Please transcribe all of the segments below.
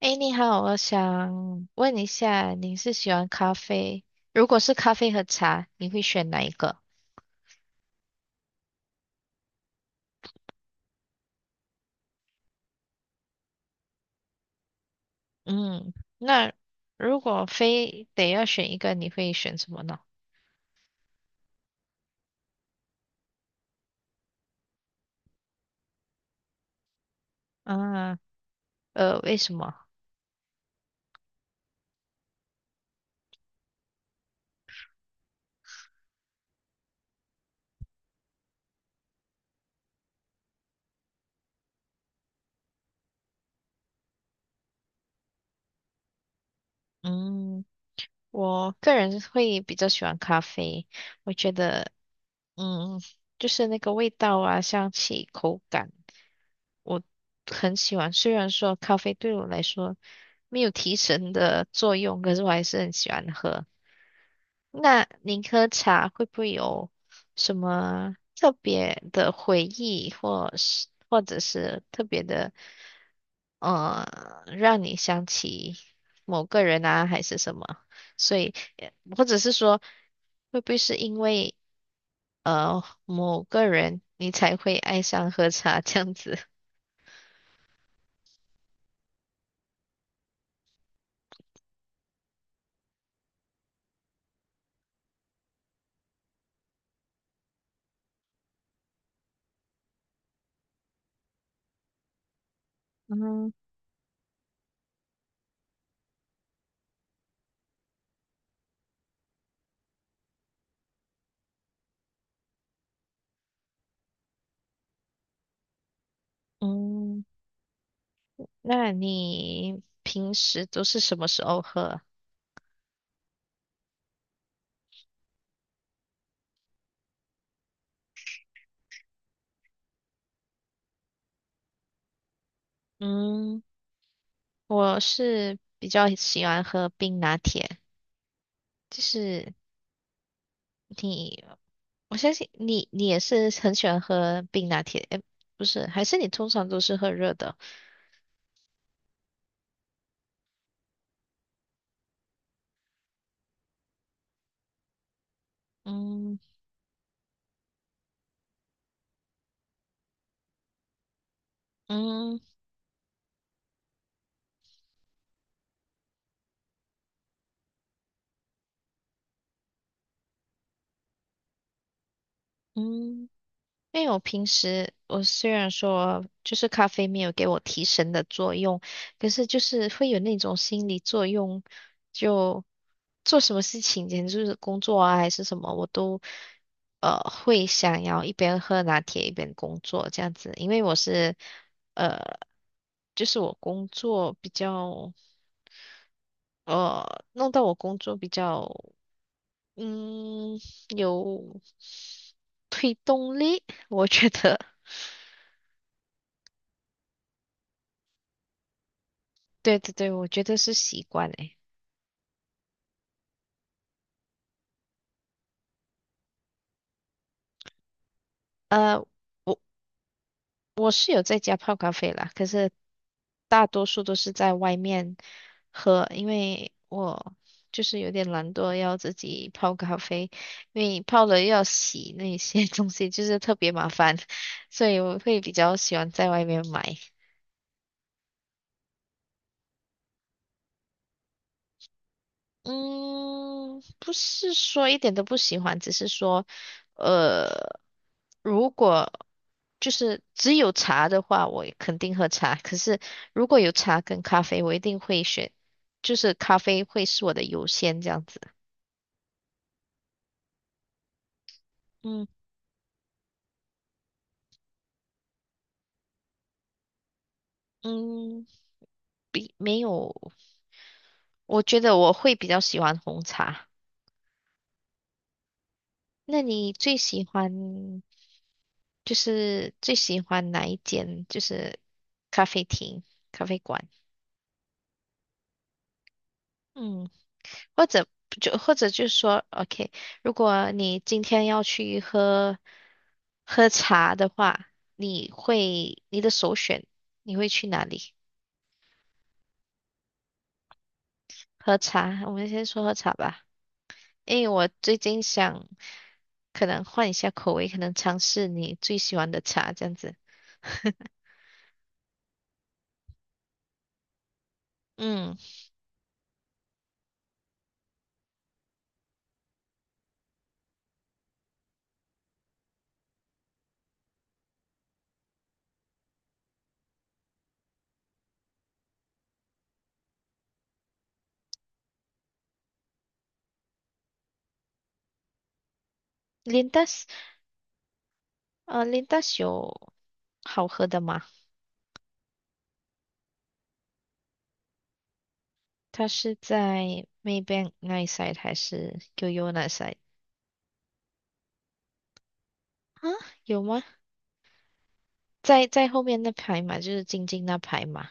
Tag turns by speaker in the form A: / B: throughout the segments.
A: 诶，你好，我想问一下，你是喜欢咖啡？如果是咖啡和茶，你会选哪一个？嗯，那如果非得要选一个，你会选什么呢？啊，为什么？嗯。我个人会比较喜欢咖啡，我觉得，嗯，就是那个味道啊、香气、口感，我很喜欢。虽然说咖啡对我来说没有提神的作用，可是我还是很喜欢喝。那您喝茶会不会有什么特别的回忆，或是或者是特别的，呃，让你想起某个人啊，还是什么？所以或者是说，会不会是因为某个人你才会爱上喝茶这样子？嗯。嗯，那你平时都是什么时候喝啊？嗯，我是比较喜欢喝冰拿铁，就是你，我相信你，你也是很喜欢喝冰拿铁，诶，不是，还是你通常都是喝热的？嗯。嗯。嗯。因为我平时我虽然说就是咖啡没有给我提神的作用，可是就是会有那种心理作用，就做什么事情，简直就是工作啊还是什么，我都会想要一边喝拿铁一边工作这样子，因为我是呃就是我工作比较弄到我工作比较嗯有动力，我觉得。对对对，我觉得是习惯诶。呃，我我是有在家泡咖啡啦，可是大多数都是在外面喝，因为我就是有点懒惰，要自己泡咖啡，因为泡了又要洗那些 东西，就是特别麻烦，所以我会比较喜欢在外面买。嗯，不是说一点都不喜欢，只是说，呃。如果就是只有茶的话，我也肯定喝茶。可是如果有茶跟咖啡，我一定会选，就是咖啡会是我的优先这样子。嗯。嗯，比没有，我觉得我会比较喜欢红茶。那你最喜欢就是最喜欢哪一间就是咖啡厅、咖啡馆？嗯。或者就说，OK，如果你今天要去喝喝茶的话，你会你的首选你会去哪里喝茶？我们先说喝茶吧，因为我最近想可能换一下口味，可能尝试你最喜欢的茶这样子。嗯，Lindas，Lindas 有好喝的吗？它是在 Maybank 那一 side 还是 Yoyo 那一 side 啊？有吗？在后面那排嘛，就是晶晶那排嘛，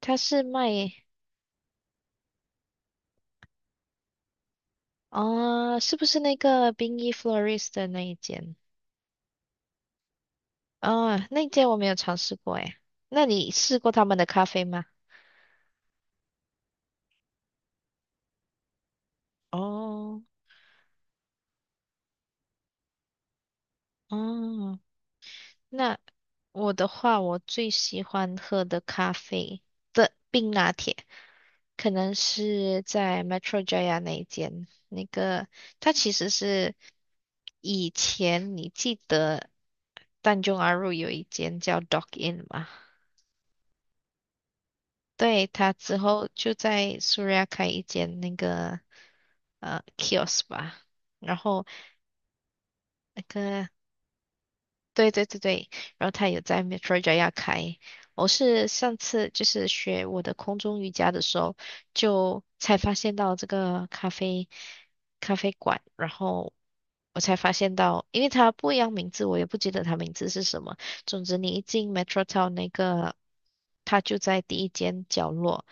A: 它是卖哦，是不是那个冰衣 florist 的那一间？哦，那一间我没有尝试过诶。那你试过他们的咖啡吗？哦哦，那我的话，我最喜欢喝的咖啡的冰拿铁，可能是在 Metro Jaya 那一间。那个，它其实是以前你记得淡中阿入有一间叫 Dock Inn 吗？对，他之后就在苏瑞亚开一间那个kiosk 吧，然后那个对对对对，然后他也在 Metro Jaya 开。我是上次就是学我的空中瑜伽的时候，就才发现到这个咖啡咖啡馆，然后我才发现到，因为它不一样名字，我也不记得它名字是什么。总之，你一进 Metro Town 那个，它就在第一间角落。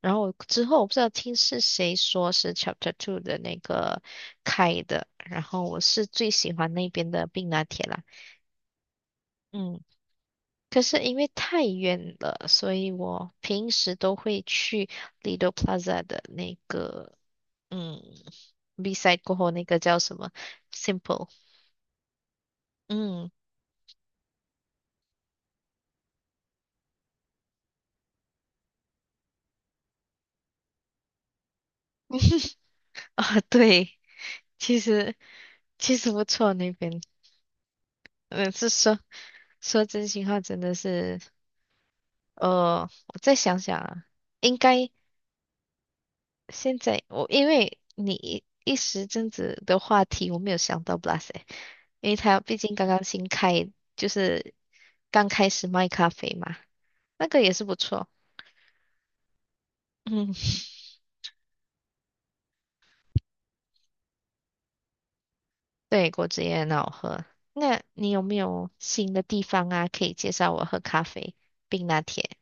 A: 然后我之后我不知道听是谁说是 Chapter Two 的那个开的，然后我是最喜欢那边的冰拿铁啦。嗯。可是因为太远了，所以我平时都会去 Lido Plaza 的那个，嗯，B side 过后那个叫什么？Simple，嗯。啊，对，其实其实不错那边，嗯，是说说真心话，真的是，我再想想啊，应该现在我因为你一时阵子的话题，我没有想到 Blas，e 因为他毕竟刚刚新开，就是。刚开始卖咖啡嘛，那个也是不错。嗯，对，果汁也很好喝。那你有没有新的地方啊，可以介绍我喝咖啡冰拿铁？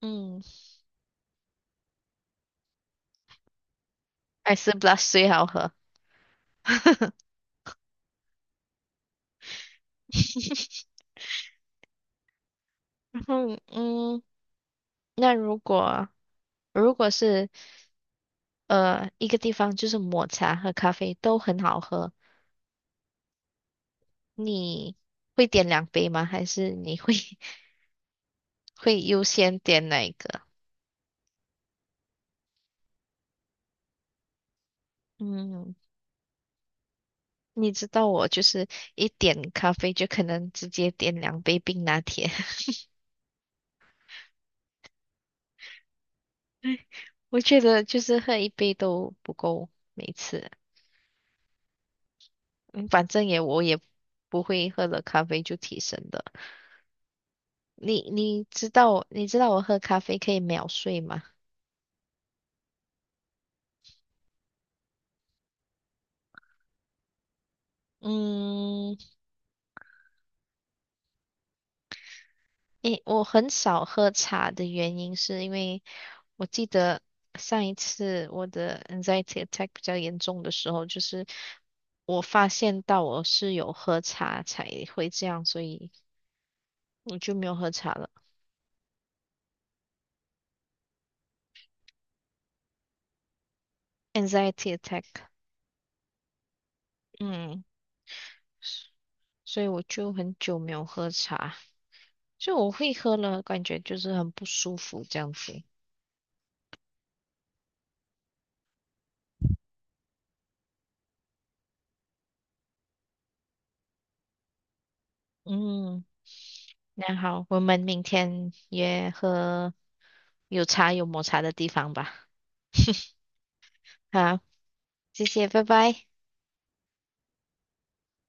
A: 嗯，还是 b l u s 最好喝。然后，嗯，那如果如果是一个地方就是抹茶和咖啡都很好喝，你会点两杯吗？还是你会 会优先点哪一个？嗯。你知道我就是一点咖啡就可能直接点两杯冰拿铁，我觉得就是喝一杯都不够，每次，嗯，反正我也不会喝了咖啡就提神的。你你知道你知道我喝咖啡可以秒睡吗？嗯，诶，我很少喝茶的原因是因为我记得上一次我的 anxiety attack 比较严重的时候，就是我发现到我是有喝茶才会这样，所以我就没有喝茶了。anxiety attack，嗯，所以我就很久没有喝茶，就我会喝了，感觉就是很不舒服这样子。嗯，那好，我们明天约喝有茶有抹茶的地方吧。啊，谢谢，拜拜。